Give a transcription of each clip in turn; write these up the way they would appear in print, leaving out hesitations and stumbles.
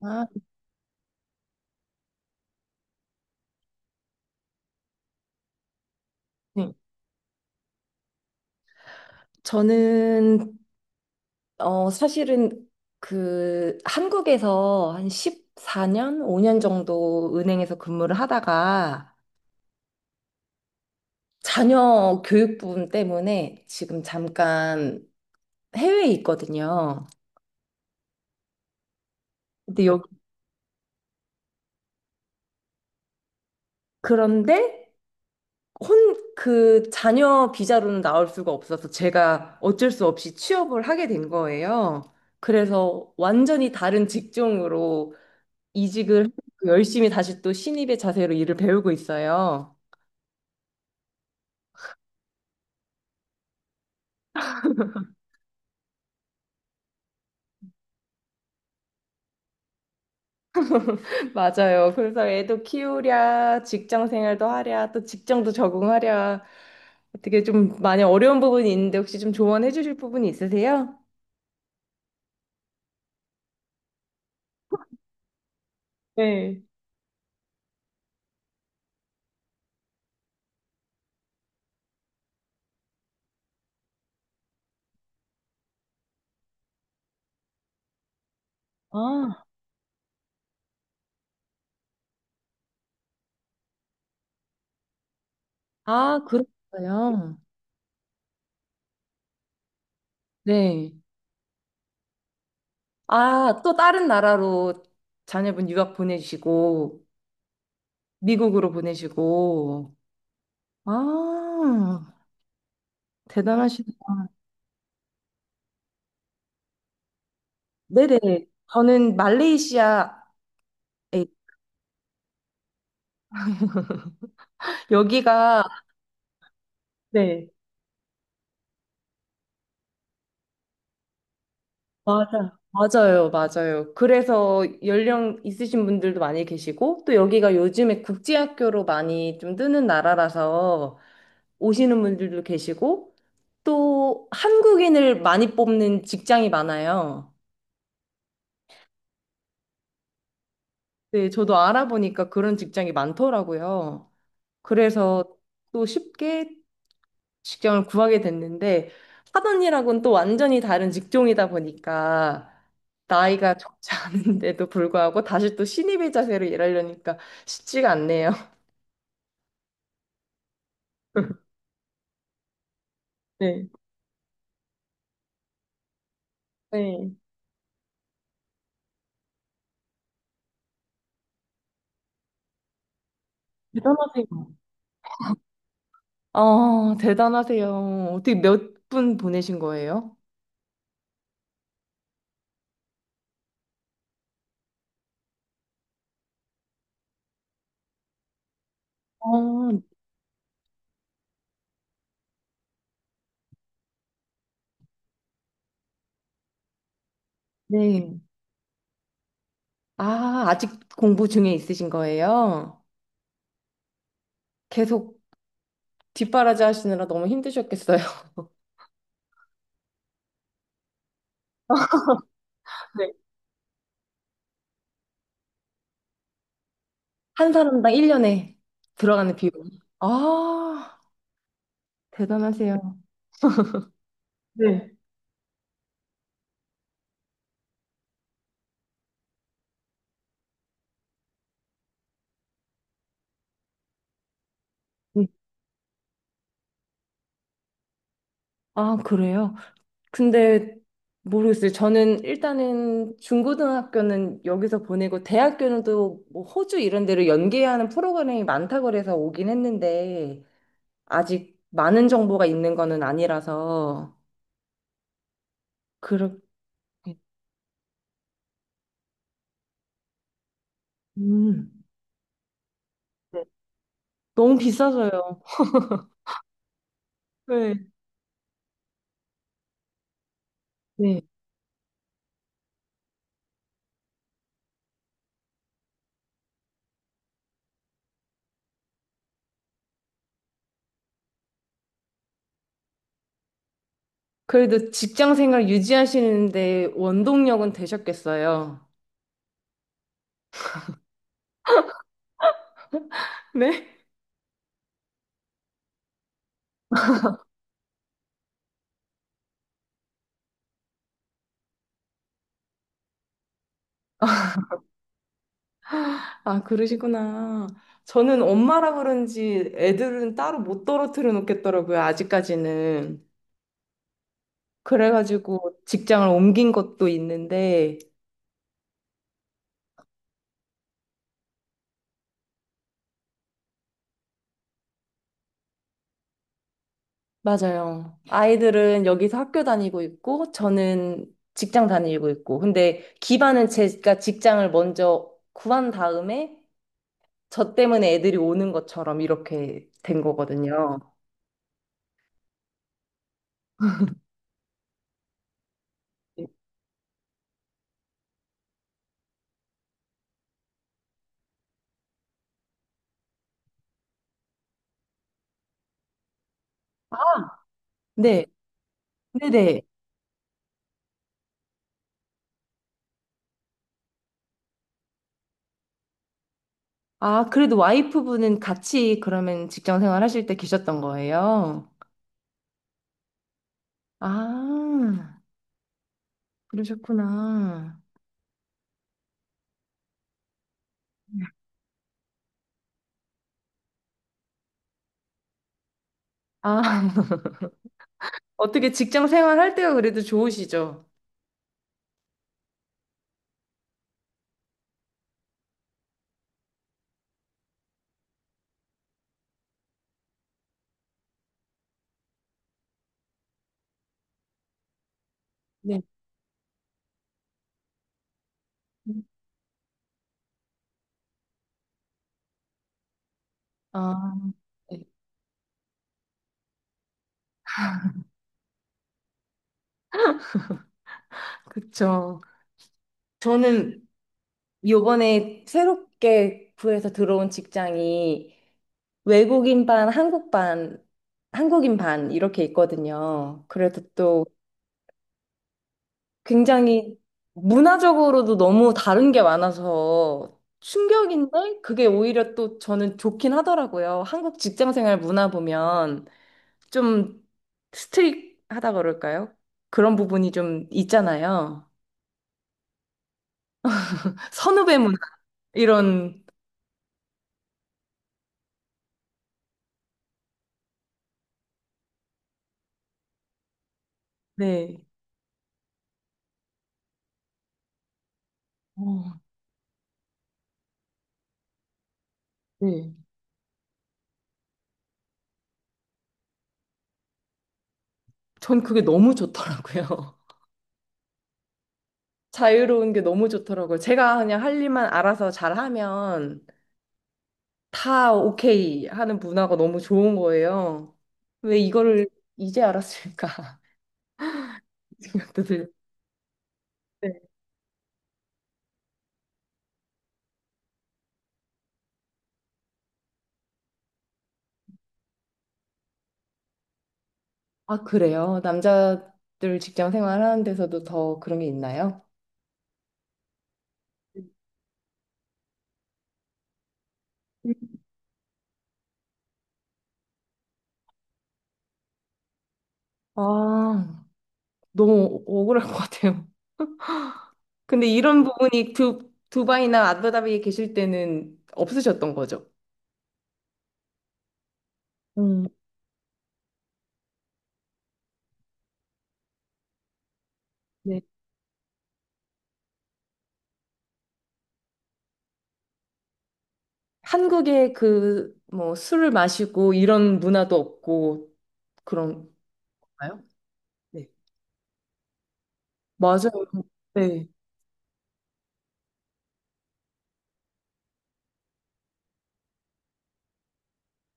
아, 네. 저는 사실은 그 한국에서 한 14년, 5년 정도 은행에서 근무를 하다가 자녀 교육 부분 때문에 지금 잠깐 해외에 있거든요. 근데 여기 그런데 혼 그 자녀 비자로는 나올 수가 없어서 제가 어쩔 수 없이 취업을 하게 된 거예요. 그래서 완전히 다른 직종으로 이직을 하고 열심히 다시 또 신입의 자세로 일을 배우고 있어요. 맞아요. 그래서 애도 키우랴, 직장 생활도 하랴, 또 직장도 적응하랴. 어떻게 좀 많이 어려운 부분이 있는데 혹시 좀 조언해 주실 부분이 있으세요? 네. 아, 그렇군요. 네. 아, 또 다른 나라로 자녀분 유학 보내시고, 미국으로 보내시고. 아, 대단하시네. 네네. 저는 말레이시아에 여기가. 네. 맞아. 맞아요, 맞아요. 그래서 연령 있으신 분들도 많이 계시고, 또 여기가 요즘에 국제학교로 많이 좀 뜨는 나라라서 오시는 분들도 계시고, 또 한국인을 많이 뽑는 직장이 많아요. 네, 저도 알아보니까 그런 직장이 많더라고요. 그래서 또 쉽게 직장을 구하게 됐는데 하던 일하고는 또 완전히 다른 직종이다 보니까 나이가 적지 않은데도 불구하고 다시 또 신입의 자세로 일하려니까 쉽지가 않네요. 네. 네. 대단하세요. 아, 대단하세요. 어떻게 몇 분 보내신 거예요? 어, 네. 아, 아직 공부 중에 있으신 거예요? 계속 뒷바라지 하시느라 너무 힘드셨겠어요. 네. 한 사람당 1년에 들어가는 비용. 아, 대단하세요. 네. 음. 아, 그래요? 근데 모르겠어요. 저는 일단은 중고등학교는 여기서 보내고 대학교는 또 뭐 호주 이런 데로 연계하는 프로그램이 많다고 그래서 오긴 했는데 아직 많은 정보가 있는 거는 아니라서 그렇게. 음. 네. 너무 비싸서요. 네. 네. 그래도 직장 생활 유지하시는데 원동력은 되셨겠어요. 네? 아, 그러시구나. 저는 엄마라 그런지 애들은 따로 못 떨어뜨려 놓겠더라고요, 아직까지는. 그래가지고 직장을 옮긴 것도 있는데, 맞아요. 아이들은 여기서 학교 다니고 있고, 저는 직장 다니고 있고. 근데 기반은 제가 직장을 먼저 구한 다음에, 저 때문에 애들이 오는 것처럼 이렇게 된 거거든요. 네, 네네. 아, 그래도 와이프분은 같이 그러면 직장 생활 하실 때 계셨던 거예요? 아, 그러셨구나. 아, 어떻게 직장 생활 할 때가 그래도 좋으시죠? 네. 아, 네. 그쵸. 저는 요번에 새롭게 구해서 들어온 직장이 외국인 반, 한국 반, 한국인 반 이렇게 있거든요. 그래도 또 굉장히 문화적으로도 너무 다른 게 많아서 충격인데 그게 오히려 또 저는 좋긴 하더라고요. 한국 직장생활 문화 보면 좀 스트릭하다 그럴까요? 그런 부분이 좀 있잖아요. 선후배 문화 이런. 네. 어, 네. 전 그게 너무 좋더라고요. 자유로운 게 너무 좋더라고요. 제가 그냥 할 일만 알아서 잘하면 다 오케이 하는 문화가 너무 좋은 거예요. 왜 이거를 이제 알았을까 생각도 들어요. 네. 아, 그래요? 남자들 직장 생활하는 데서도 더 그런 게 있나요? 음. 아, 너무 억울할 것 같아요. 근데 이런 부분이 두바이나 아부다비에 계실 때는 없으셨던 거죠? 음, 네. 한국에 그 뭐 술을 마시고 이런 문화도 없고 그런가요? 네. 맞아요. 네.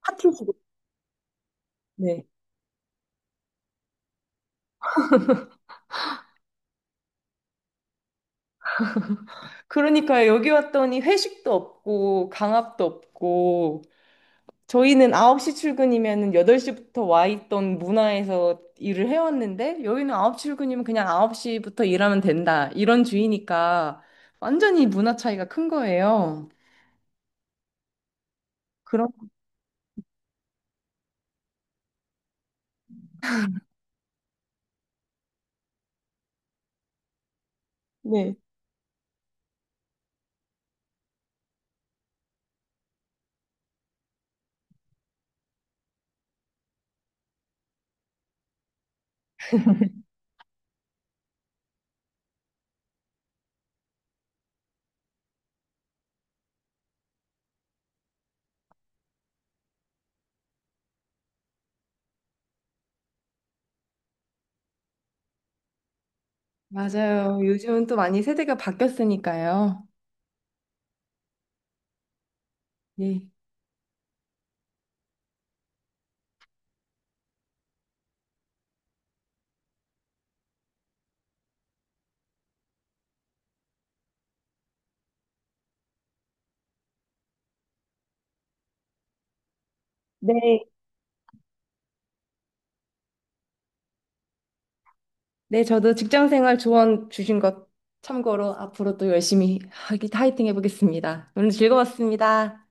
파티. 네. 그러니까 여기 왔더니 회식도 없고 강압도 없고 저희는 9시 출근이면 8시부터 와 있던 문화에서 일을 해왔는데 여기는 9시 출근이면 그냥 9시부터 일하면 된다. 이런 주의니까 완전히 문화 차이가 큰 거예요. 그럼. 네. 맞아요. 요즘은 또 많이 세대가 바뀌었으니까요. 네. 네. 네, 저도 직장 생활 조언 주신 것 참고로 앞으로 또 열심히 하기, 화이팅 해보겠습니다. 오늘 즐거웠습니다.